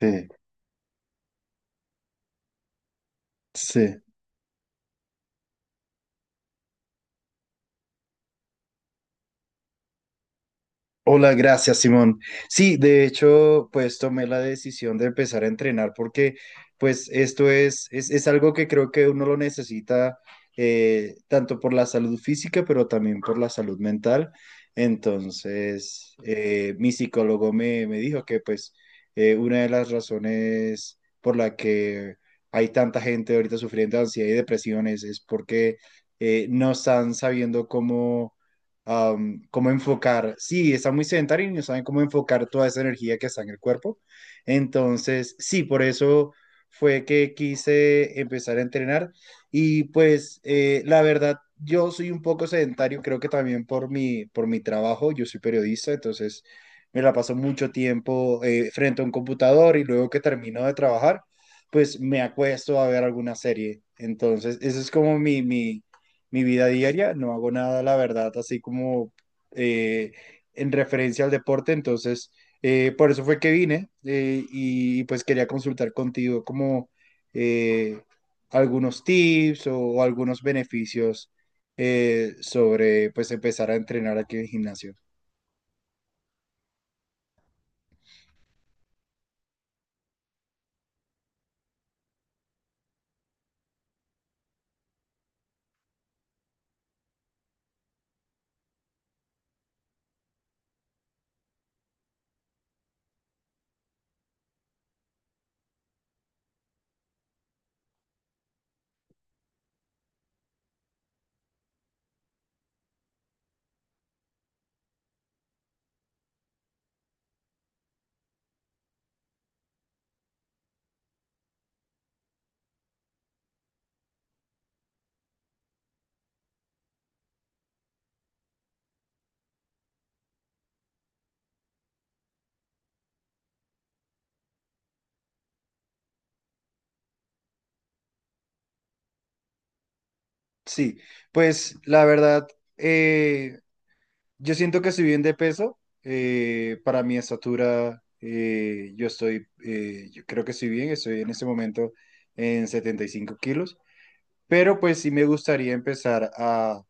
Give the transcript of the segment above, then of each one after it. Sí, sí. Hola, gracias, Simón. Sí, de hecho, pues tomé la decisión de empezar a entrenar porque, pues, esto es algo que creo que uno lo necesita tanto por la salud física, pero también por la salud mental. Entonces, mi psicólogo me dijo que, pues, una de las razones por la que hay tanta gente ahorita sufriendo de ansiedad y depresiones es porque no están sabiendo cómo cómo enfocar, sí, están muy sedentarios y no saben cómo enfocar toda esa energía que está en el cuerpo. Entonces, sí, por eso fue que quise empezar a entrenar y pues la verdad, yo soy un poco sedentario, creo que también por mi trabajo, yo soy periodista, entonces me la paso mucho tiempo frente a un computador y luego que termino de trabajar, pues me acuesto a ver alguna serie. Entonces, eso es como mi vida diaria, no hago nada, la verdad, así como eh, en referencia al deporte, entonces por eso fue que vine y pues quería consultar contigo como eh, algunos tips o algunos beneficios sobre pues empezar a entrenar aquí en el gimnasio. Sí, pues la verdad, eh, yo siento que estoy bien de peso, para mi estatura, yo creo que estoy bien, estoy en este momento en 75 kilos, pero pues sí me gustaría empezar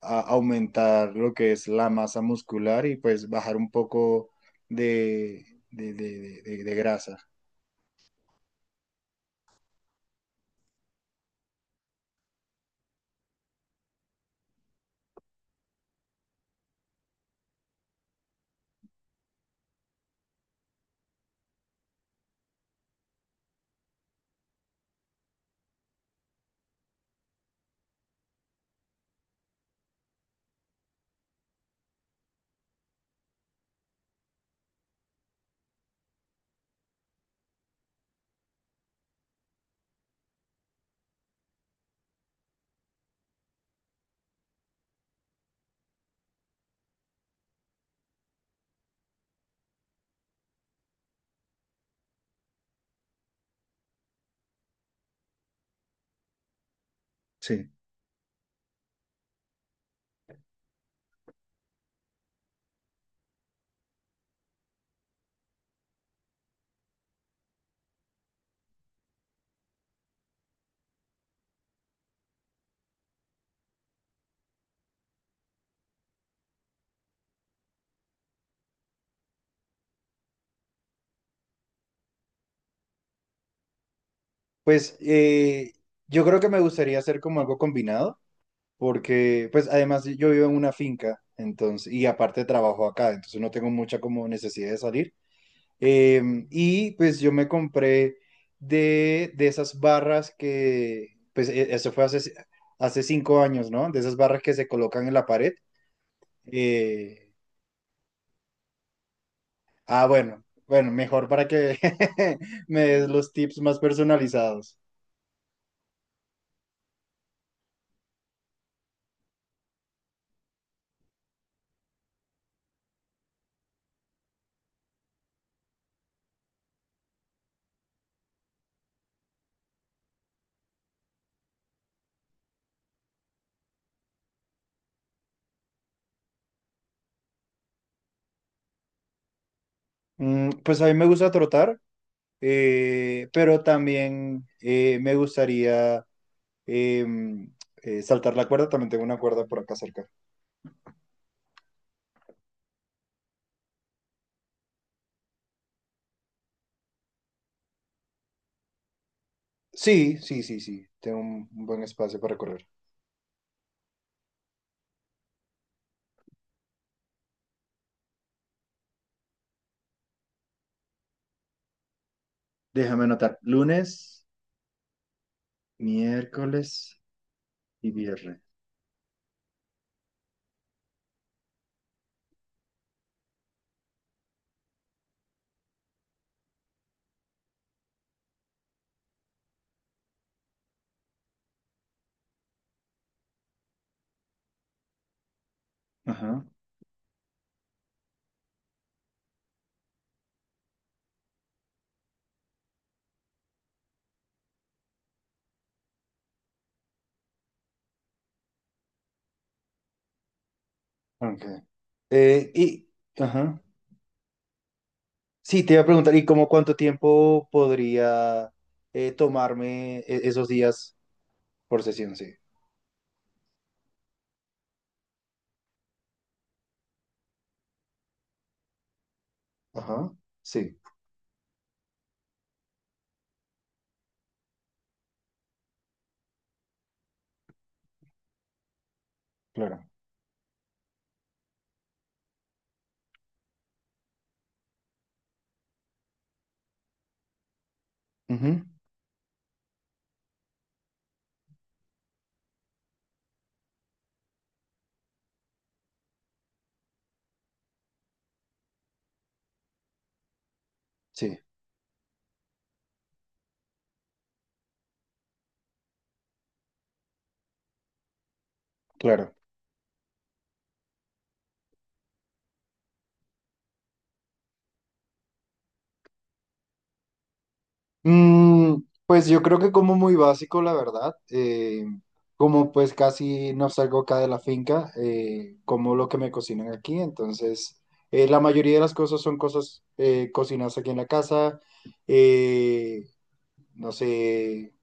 a aumentar lo que es la masa muscular y pues bajar un poco de, de grasa. Sí. Pues yo creo que me gustaría hacer como algo combinado porque pues además yo vivo en una finca, entonces, y aparte trabajo acá, entonces no tengo mucha como necesidad de salir. Y pues yo me compré de esas barras que, pues eso fue hace, hace 5 años, ¿no? De esas barras que se colocan en la pared. Eh, bueno, bueno, mejor para que me des los tips más personalizados. Mm, pues a mí me gusta trotar, pero también me gustaría Eh, saltar la cuerda, también tengo una cuerda por acá cerca. Sí, sí, sí, sí, tengo un buen espacio para correr. Déjame anotar. Lunes, miércoles y viernes. Ajá. Ok. Eh, y, ajá. Sí, te iba a preguntar, ¿y cómo cuánto tiempo podría tomarme esos días por sesión? Sí. Ajá. Sí, claro. Ujú, sí, claro. Mm, pues yo creo que como muy básico, la verdad. Como pues casi no salgo acá de la finca, como lo que me cocinan aquí. Entonces, la mayoría de las cosas son cosas cocinadas aquí en la casa. eh, no sé,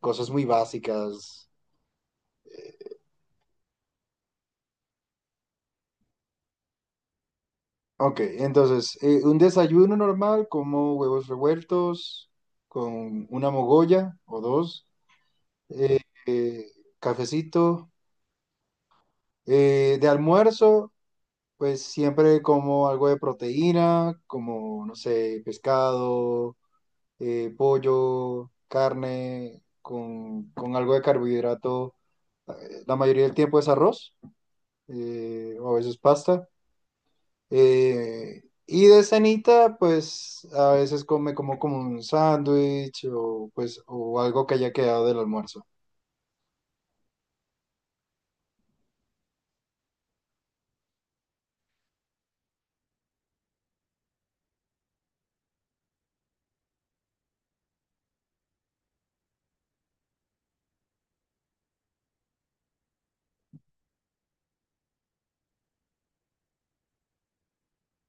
cosas muy básicas. Ok, entonces, un desayuno normal como huevos revueltos con una mogolla o dos, eh, eh, cafecito. De almuerzo. Pues siempre como algo de proteína, como, no sé, pescado, pollo, carne, con algo de carbohidrato. La mayoría del tiempo es arroz, o a veces pasta. Y de cenita, pues a veces come como, como un sándwich o, pues, o algo que haya quedado del almuerzo.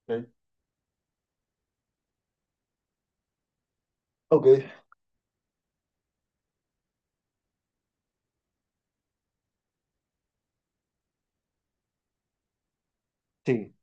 Ok. Ok, sí.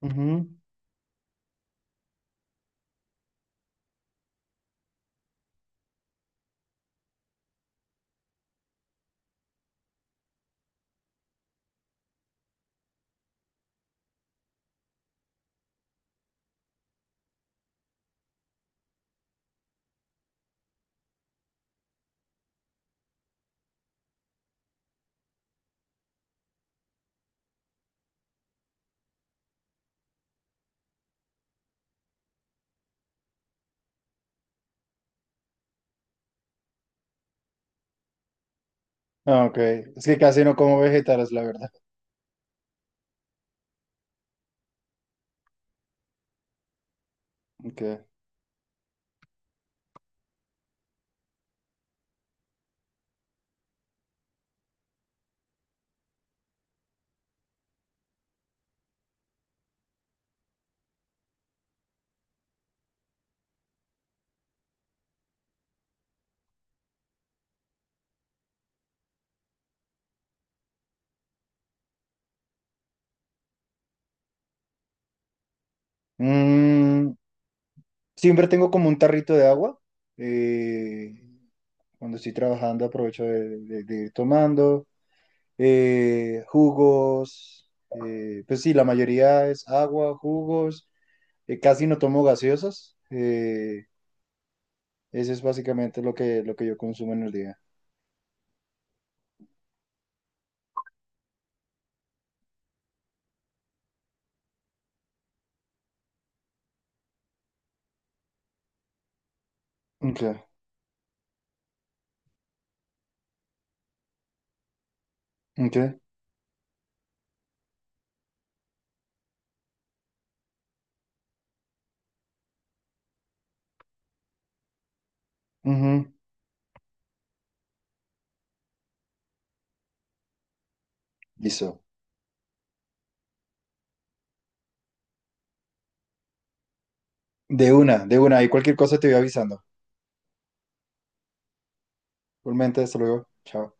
Ujú. Ah, ok, es que casi no como vegetales, la verdad. Ok. Siempre tengo como un tarrito de agua. eh, Cuando estoy trabajando aprovecho de ir tomando. Jugos, pues sí, la mayoría es agua, jugos. Casi no tomo gaseosas. Eso es básicamente lo que yo consumo en el día. Ok, ok. Ujú, listo. De una, de una. Y cualquier cosa te voy avisando. Igualmente, hasta luego. Chao.